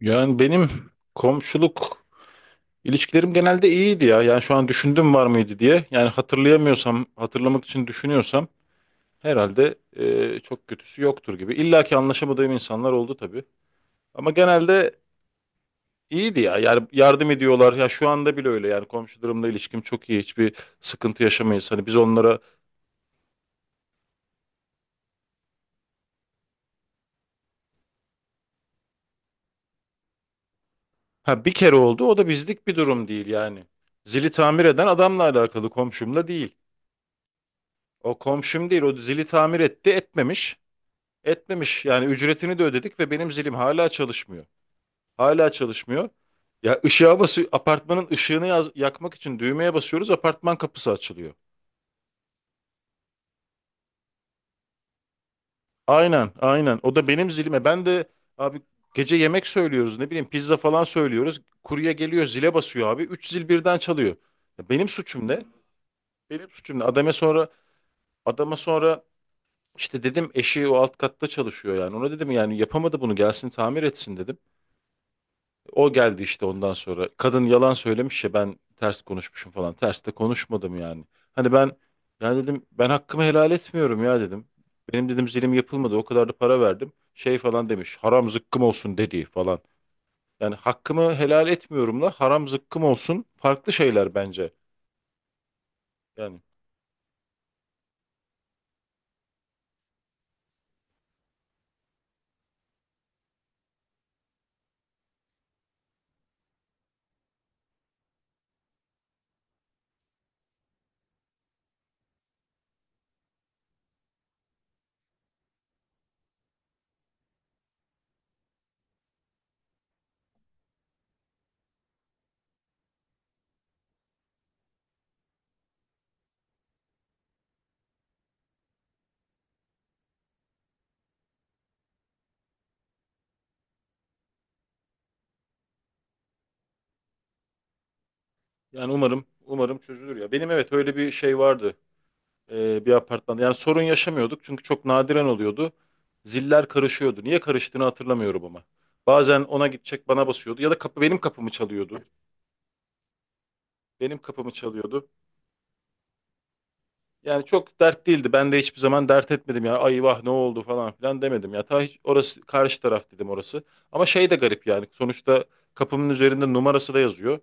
Yani benim komşuluk ilişkilerim genelde iyiydi ya. Yani şu an düşündüm var mıydı diye. Yani hatırlayamıyorsam, hatırlamak için düşünüyorsam herhalde çok kötüsü yoktur gibi. İlla ki anlaşamadığım insanlar oldu tabii. Ama genelde iyiydi ya. Yani yardım ediyorlar. Ya şu anda bile öyle. Yani komşularımla ilişkim çok iyi. Hiçbir sıkıntı yaşamayız. Hani biz onlara ha, bir kere oldu. O da bizlik bir durum değil yani. Zili tamir eden adamla alakalı, komşumla değil. O komşum değil. O zili tamir etti, etmemiş. Etmemiş yani, ücretini de ödedik ve benim zilim hala çalışmıyor. Hala çalışmıyor. Ya ışığa basıyor, apartmanın ışığını yakmak için düğmeye basıyoruz, apartman kapısı açılıyor. Aynen aynen, o da benim zilime, ben de abi, gece yemek söylüyoruz, ne bileyim, pizza falan söylüyoruz. Kurye geliyor, zile basıyor, abi 3 zil birden çalıyor. Ya benim suçum ne? Benim suçum ne? Adama sonra, adama sonra işte dedim, eşi o alt katta çalışıyor yani, ona dedim yani, yapamadı bunu, gelsin tamir etsin dedim. O geldi işte ondan sonra. Kadın yalan söylemiş ya, ben ters konuşmuşum falan. Ters de konuşmadım yani. Hani ben, yani dedim, ben hakkımı helal etmiyorum ya dedim. Benim dedim zilim yapılmadı. O kadar da para verdim. Şey falan demiş. Haram zıkkım olsun dediği falan. Yani hakkımı helal etmiyorumla haram zıkkım olsun farklı şeyler bence. Yani yani umarım umarım çözülür ya. Benim evet öyle bir şey vardı. Bir apartmanda. Yani sorun yaşamıyorduk çünkü çok nadiren oluyordu. Ziller karışıyordu. Niye karıştığını hatırlamıyorum ama. Bazen ona gidecek bana basıyordu, ya da kapı, benim kapımı çalıyordu. Benim kapımı çalıyordu. Yani çok dert değildi. Ben de hiçbir zaman dert etmedim ya. Ay vah ne oldu falan filan demedim ya. Ta hiç, orası karşı taraf dedim, orası. Ama şey de garip yani. Sonuçta kapımın üzerinde numarası da yazıyor.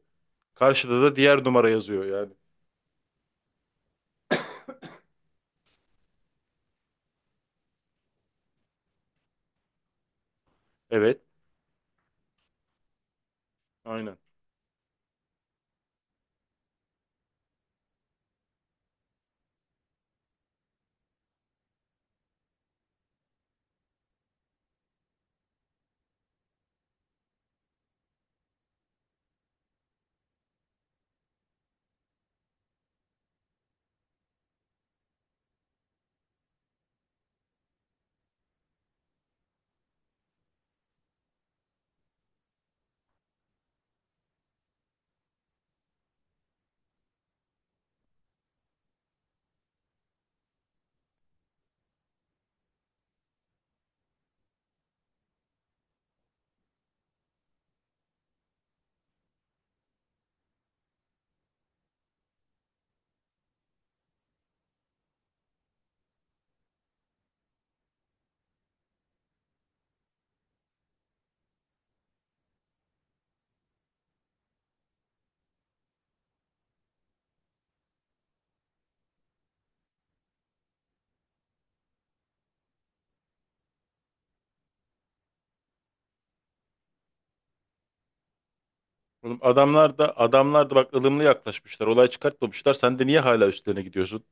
Karşıda da diğer numara yazıyor yani. Evet. Aynen. Oğlum adamlar da, adamlar da bak ılımlı yaklaşmışlar. Olay çıkartmamışlar. Sen de niye hala üstlerine gidiyorsun?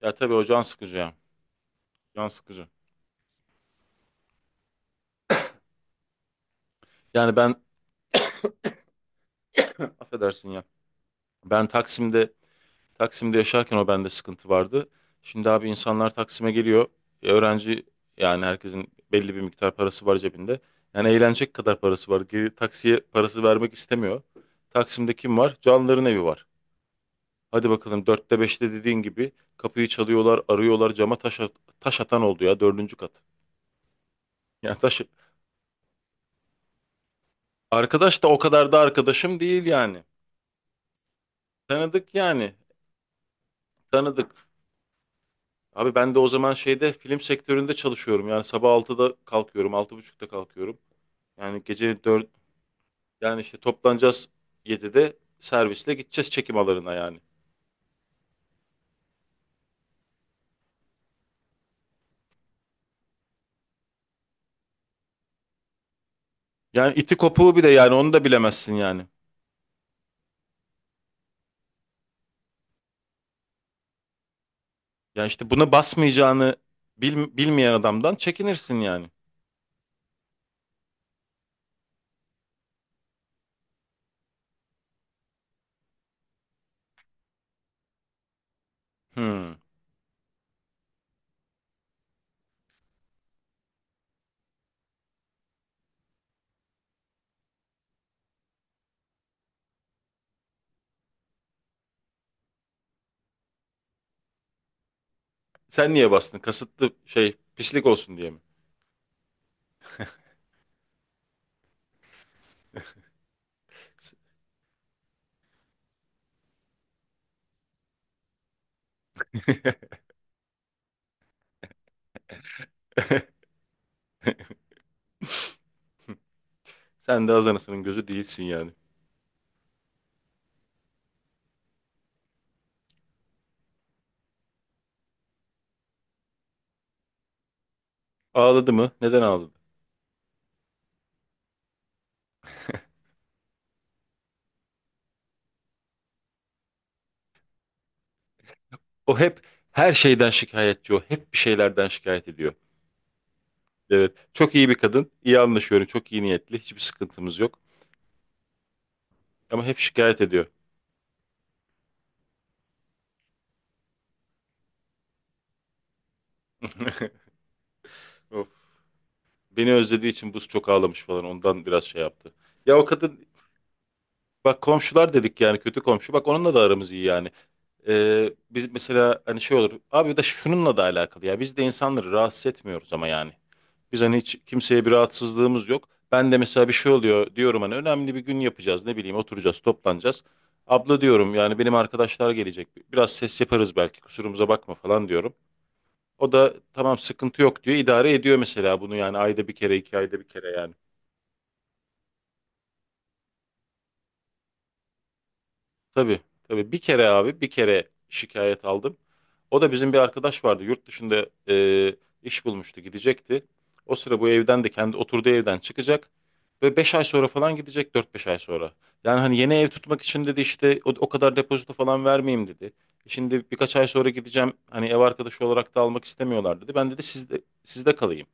Ya tabii, o can sıkıcı ya. Can sıkıcı. Yani ben, affedersin ya. Ben Taksim'de, yaşarken o bende sıkıntı vardı. Şimdi abi, insanlar Taksim'e geliyor. Öğrenci, yani herkesin belli bir miktar parası var cebinde. Yani eğlenecek kadar parası var. Geri taksiye parası vermek istemiyor. Taksim'de kim var? Canların evi var. Hadi bakalım, dörtte beşte dediğin gibi kapıyı çalıyorlar, arıyorlar. Cama taş, taş atan oldu ya, dördüncü kat. Yani taş, arkadaş da o kadar da arkadaşım değil yani. Tanıdık yani. Tanıdık. Abi ben de o zaman şeyde, film sektöründe çalışıyorum. Yani sabah 6'da kalkıyorum, 6:30'da kalkıyorum. Yani gece dört, yani işte toplanacağız, 7'de servisle gideceğiz çekim alanına yani. Yani iti kopuğu, bir de yani onu da bilemezsin yani. Yani işte buna basmayacağını bilmeyen adamdan çekinirsin yani. Hmm. Sen niye bastın? Kasıtlı, şey, pislik olsun diye mi? Sen de Hazanası'nın gözü değilsin yani. Ağladı mı? Neden ağladı? O hep her şeyden şikayetçi o. Hep bir şeylerden şikayet ediyor. Evet. Çok iyi bir kadın. İyi anlaşıyorum. Çok iyi niyetli. Hiçbir sıkıntımız yok. Ama hep şikayet ediyor. Of. Beni özlediği için buz çok ağlamış falan. Ondan biraz şey yaptı. Ya o kadın, bak komşular dedik yani, kötü komşu. Bak onunla da aramız iyi yani. Biz mesela hani şey olur. Abi da şununla da alakalı ya. Biz de insanları rahatsız etmiyoruz ama yani. Biz hani hiç kimseye bir rahatsızlığımız yok. Ben de mesela bir şey oluyor diyorum, hani önemli bir gün yapacağız, ne bileyim, oturacağız, toplanacağız. Abla diyorum yani, benim arkadaşlar gelecek, biraz ses yaparız belki, kusurumuza bakma falan diyorum. O da tamam, sıkıntı yok diyor, idare ediyor mesela bunu yani, ayda bir kere, iki ayda bir kere yani. Tabii, tabii. Bir kere abi, bir kere şikayet aldım. O da bizim bir arkadaş vardı. Yurt dışında iş bulmuştu, gidecekti. O sıra bu evden de, kendi oturduğu evden çıkacak. Ve 5 ay sonra falan gidecek, dört beş ay sonra. Yani hani yeni ev tutmak için dedi, işte o, o kadar depozito falan vermeyeyim dedi. Şimdi birkaç ay sonra gideceğim. Hani ev arkadaşı olarak da almak istemiyorlar dedi. Ben dedi sizde kalayım.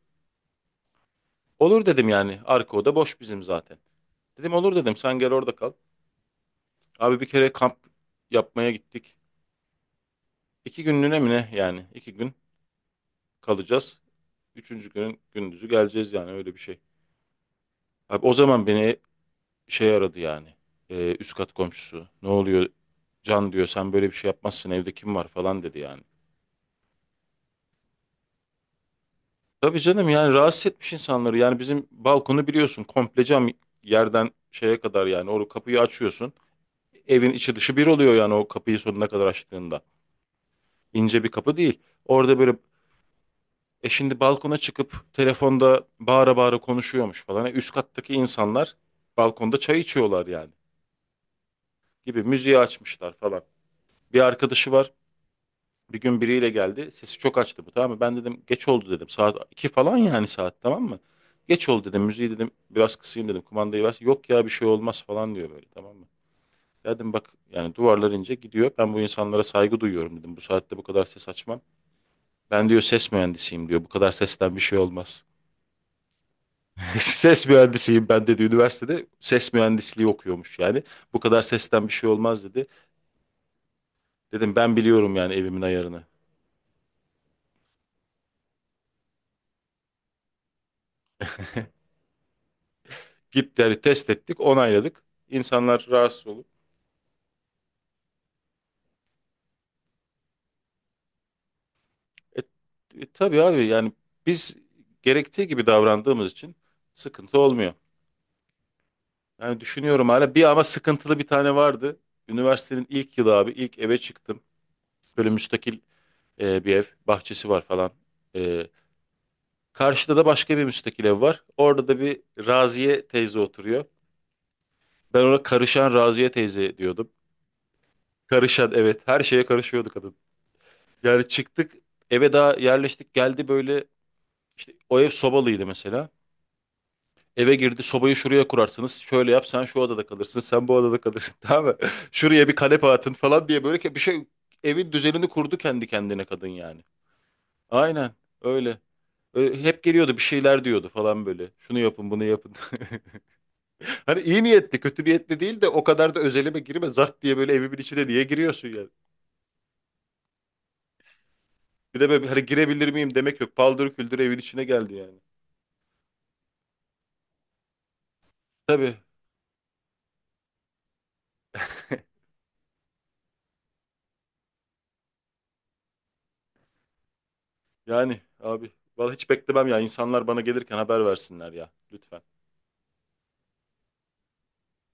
Olur dedim yani. Arka oda boş bizim zaten. Dedim olur, dedim sen gel orada kal. Abi bir kere kamp yapmaya gittik. İki günlüğüne mi ne yani? İki gün kalacağız. Üçüncü günün gündüzü geleceğiz, yani öyle bir şey. Abi o zaman beni şey aradı yani. Üst kat komşusu. Ne oluyor? Can diyor sen böyle bir şey yapmazsın, evde kim var falan dedi yani. Tabii canım, yani rahatsız etmiş insanları. Yani bizim balkonu biliyorsun, komple cam, yerden şeye kadar yani. O kapıyı açıyorsun. Evin içi dışı bir oluyor yani, o kapıyı sonuna kadar açtığında. İnce bir kapı değil. Orada böyle şimdi balkona çıkıp telefonda bağıra bağıra konuşuyormuş falan. Üst kattaki insanlar balkonda çay içiyorlar yani, gibi, müziği açmışlar falan. Bir arkadaşı var. Bir gün biriyle geldi. Sesi çok açtı bu, tamam mı? Ben dedim geç oldu dedim. Saat 2 falan yani, saat tamam mı? Geç oldu dedim. Müziği dedim biraz kısayım dedim. Kumandayı ver. Yok ya, bir şey olmaz falan diyor böyle, tamam mı? Dedim bak yani, duvarlar ince gidiyor. Ben bu insanlara saygı duyuyorum dedim. Bu saatte bu kadar ses açmam. Ben diyor ses mühendisiyim diyor. Bu kadar sesten bir şey olmaz. Ses mühendisiyim ben dedi, üniversitede. Ses mühendisliği okuyormuş yani. Bu kadar sesten bir şey olmaz dedi. Dedim ben biliyorum yani, evimin ayarını. Gitti yani, test ettik, onayladık. İnsanlar rahatsız olur. E, tabii abi yani, biz gerektiği gibi davrandığımız için sıkıntı olmuyor. Yani düşünüyorum, hala bir ama sıkıntılı bir tane vardı. Üniversitenin ilk yılı abi, ilk eve çıktım. Böyle müstakil bir ev, bahçesi var falan. E, Karşıda da başka bir müstakil ev var. Orada da bir Raziye teyze oturuyor. Ben ona karışan Raziye teyze diyordum. Karışan, evet, her şeye karışıyordu kadın. Yani çıktık, eve daha yerleştik, geldi böyle işte, o ev sobalıydı mesela. Eve girdi, sobayı şuraya kurarsınız. Şöyle yap, sen şu odada kalırsın, sen bu odada kalırsın, tamam mı? Şuraya bir kanepe atın falan diye, böyle bir şey, evin düzenini kurdu kendi kendine kadın yani. Aynen öyle. Hep geliyordu, bir şeyler diyordu falan böyle. Şunu yapın, bunu yapın. Hani iyi niyetli, kötü niyetli değil de, o kadar da özelime girme. Zart diye böyle evimin içine niye giriyorsun yani? Bir de böyle hani girebilir miyim demek yok. Paldır küldür evin içine geldi yani. Tabii yani abi. Vallahi hiç beklemem ya. İnsanlar bana gelirken haber versinler ya. Lütfen.